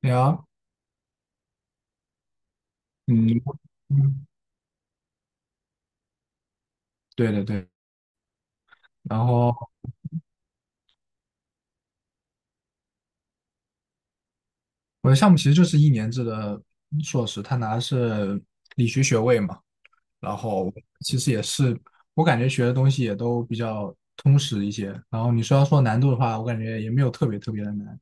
对啊，嗯嗯，对。然后我的项目其实就是一年制的硕士，他拿的是理学学位嘛。然后其实也是，我感觉学的东西也都比较通识一些。然后你说要说难度的话，我感觉也没有特别的难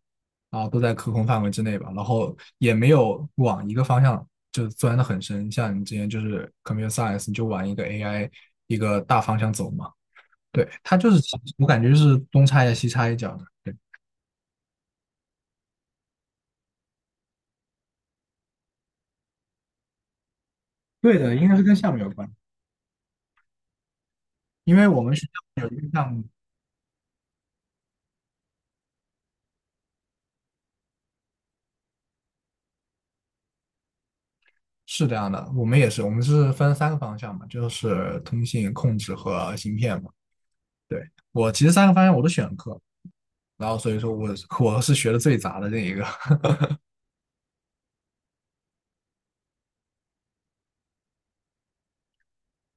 啊，都在可控范围之内吧。然后也没有往一个方向就钻的很深，像你之前就是 computer science，你就往一个 AI 一个大方向走嘛。对，它就是我感觉就是东插一下西插一脚的。对的，应该是跟项目有关，因为我们学校项目是这样的，我们是分三个方向嘛，就是通信、控制和芯片嘛。对，我其实三个方向我都选课，所以说我是学的最杂的那一个。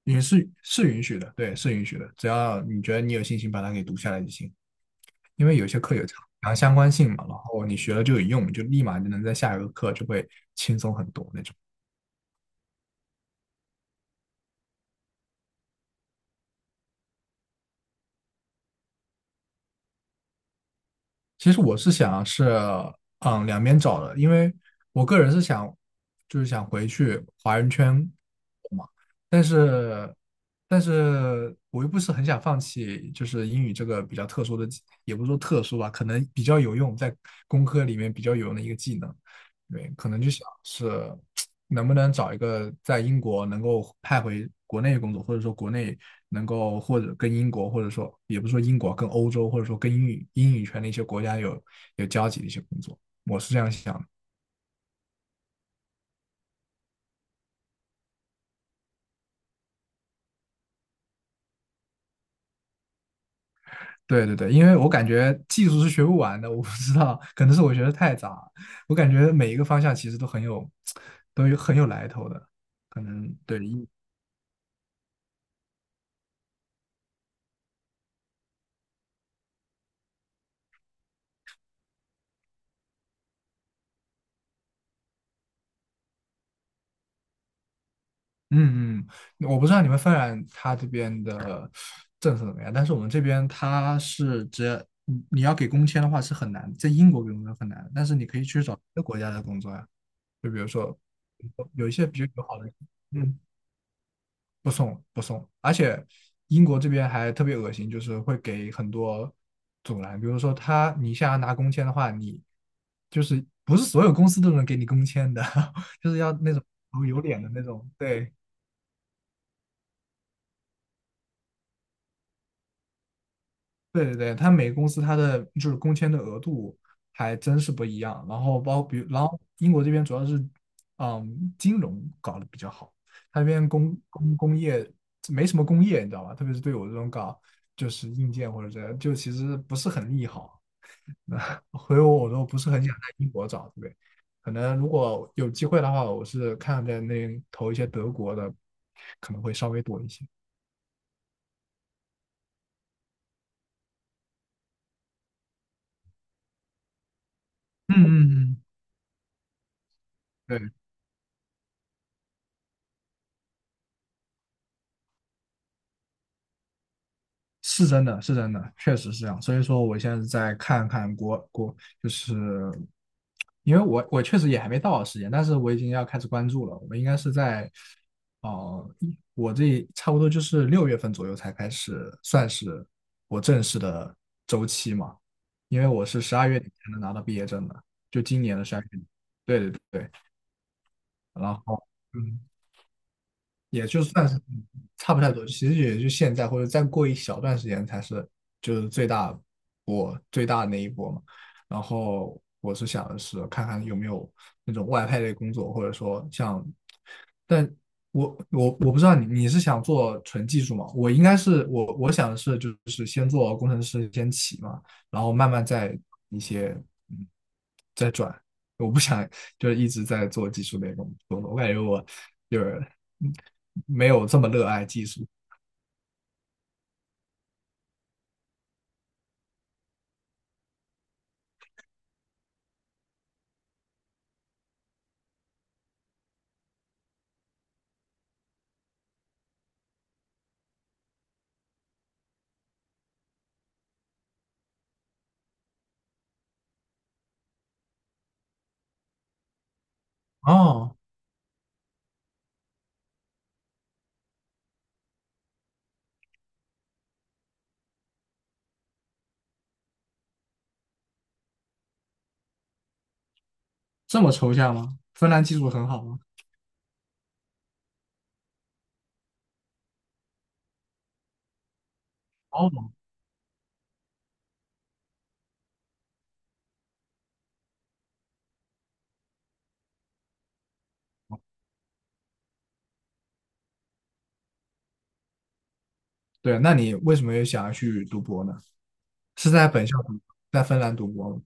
是允许的，对，是允许的，只要你觉得你有信心把它给读下来就行，因为有些课有强相关性嘛，然后你学了就有用，就立马就能在下一个课就会轻松很多那种。其实我是想是，嗯，两边找的，因为我个人是想，就是想回去华人圈嘛。但是，我又不是很想放弃，就是英语这个比较特殊的技也不是说特殊吧，可能比较有用，在工科里面比较有用的一个技能。对，可能就想是能不能找一个在英国能够派回国内工作，或者说国内能够或者跟英国，或者说也不是说英国跟欧洲，或者说跟英语圈的一些国家有交集的一些工作，我是这样想的。对对对，因为我感觉技术是学不完的，我不知道，可能是我学的太杂了，我感觉每一个方向其实都很有，都有很有来头的，可能对。嗯嗯，我不知道你们芬兰它这边的政策怎么样，但是我们这边它是只要你要给工签的话是很难，在英国给工签很难，但是你可以去找别的国家的工作呀，就比如说有一些比较友好的。嗯，不送，而且英国这边还特别恶心，就是会给很多阻拦，比如说他你想要拿工签的话，你就是不是所有公司都能给你工签的，就是要那种有脸的那种，对。对对对，它每个公司它的就是工签的额度还真是不一样。然后包比如，然后英国这边主要是，嗯，金融搞得比较好，它那边工业没什么工业，你知道吧？特别是对我这种搞就是硬件或者这样，就其实不是很利好。那所以我都不是很想在英国找，对不对？可能如果有机会的话，我是看在那投一些德国的，可能会稍微多一些。嗯嗯嗯，对。是真的，是真的，确实是这样。所以说，我现在在看看，就是因为我确实也还没到时间，但是我已经要开始关注了。我应该是在，我这差不多就是六月份左右才开始，算是我正式的周期嘛。因为我是十二月底才能拿到毕业证的，就今年的十二月底。对对对，然后。嗯。也就算是差不太多，其实也就现在或者再过一小段时间才是就是最大的那一波嘛。然后我是想的是看看有没有那种外派类工作，或者说像，但我不知道你你是想做纯技术吗？我应该是我想的是就是先做工程师先起嘛，然后慢慢再一些嗯在转，我不想就是一直在做技术类工作，我感觉我就是嗯没有这么热爱技术。哦，这么抽象吗？芬兰技术很好吗？哦，对，那你为什么又想要去读博呢？是在本校读，在芬兰读博吗？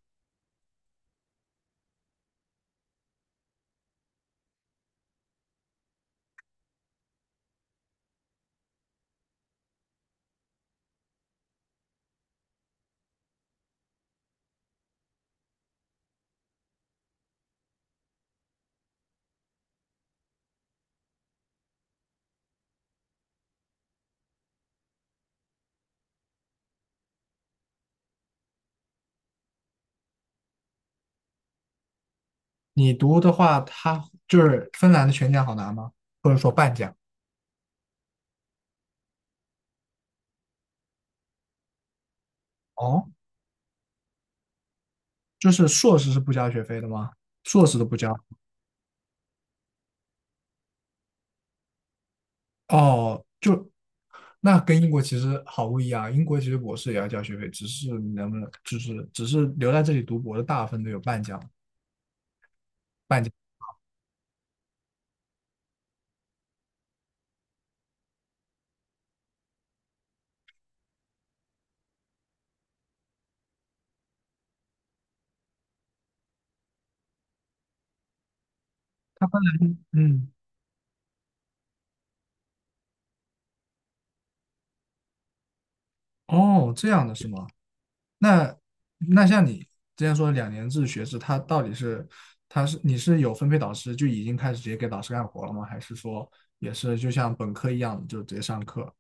你读的话，他就是芬兰的全奖好拿吗？或者说半奖？哦，就是硕士是不交学费的吗？硕士都不交。哦，就那跟英国其实毫不一样。英国其实博士也要交学费，只是你能不能，就是只是留在这里读博的大部分都有半奖，半奖。嗯，哦，这样的是吗？那那像你之前说两年制学制，它到底是它是你是有分配导师就已经开始直接给导师干活了吗？还是说也是就像本科一样就直接上课？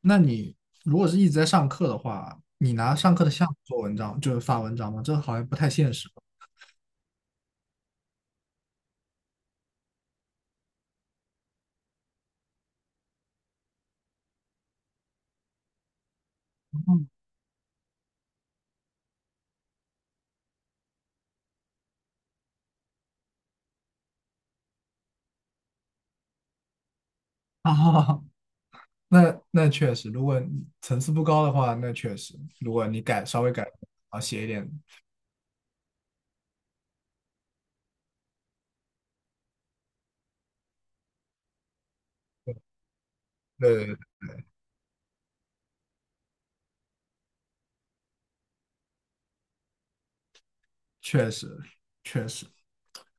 那你如果是一直在上课的话，你拿上课的项目做文章，就是发文章吗？这好像不太现实。哦，那那确实，如果你层次不高的话，那确实，如果你改稍微改，啊，写一点，对，确实确实。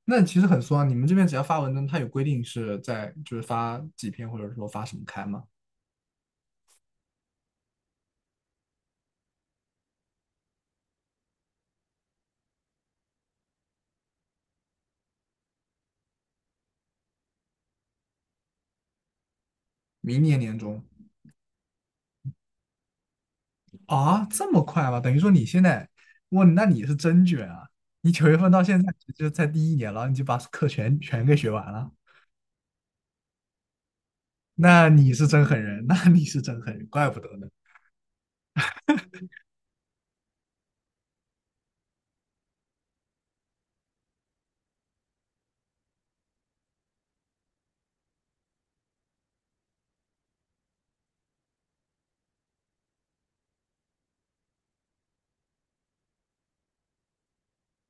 那其实很松啊，你们这边只要发文章，它有规定是在就是发几篇，或者说发什么刊吗？明年年中啊，这么快吗？等于说你现在，哇，那你是真卷啊！你九月份到现在就在第一年了，你就把课全给学完了，那你是真狠人，那你是真狠人，怪不得呢。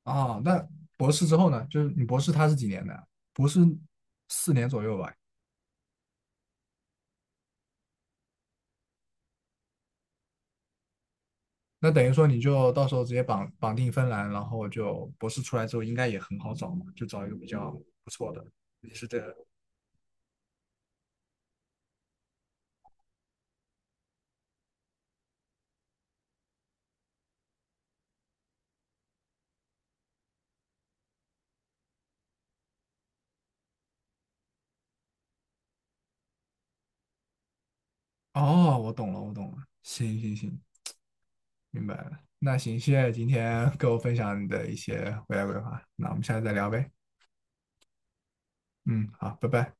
啊，那博士之后呢？就是你博士他是几年的？博士四年左右吧。那等于说你就到时候直接绑定芬兰，然后就博士出来之后应该也很好找嘛，就找一个比较不错的。也是这个。哦，我懂了，我懂了。行行行，明白了。那行，谢谢今天 跟我分享你的一些未来规划。那我们下次再聊呗。嗯，好，拜拜。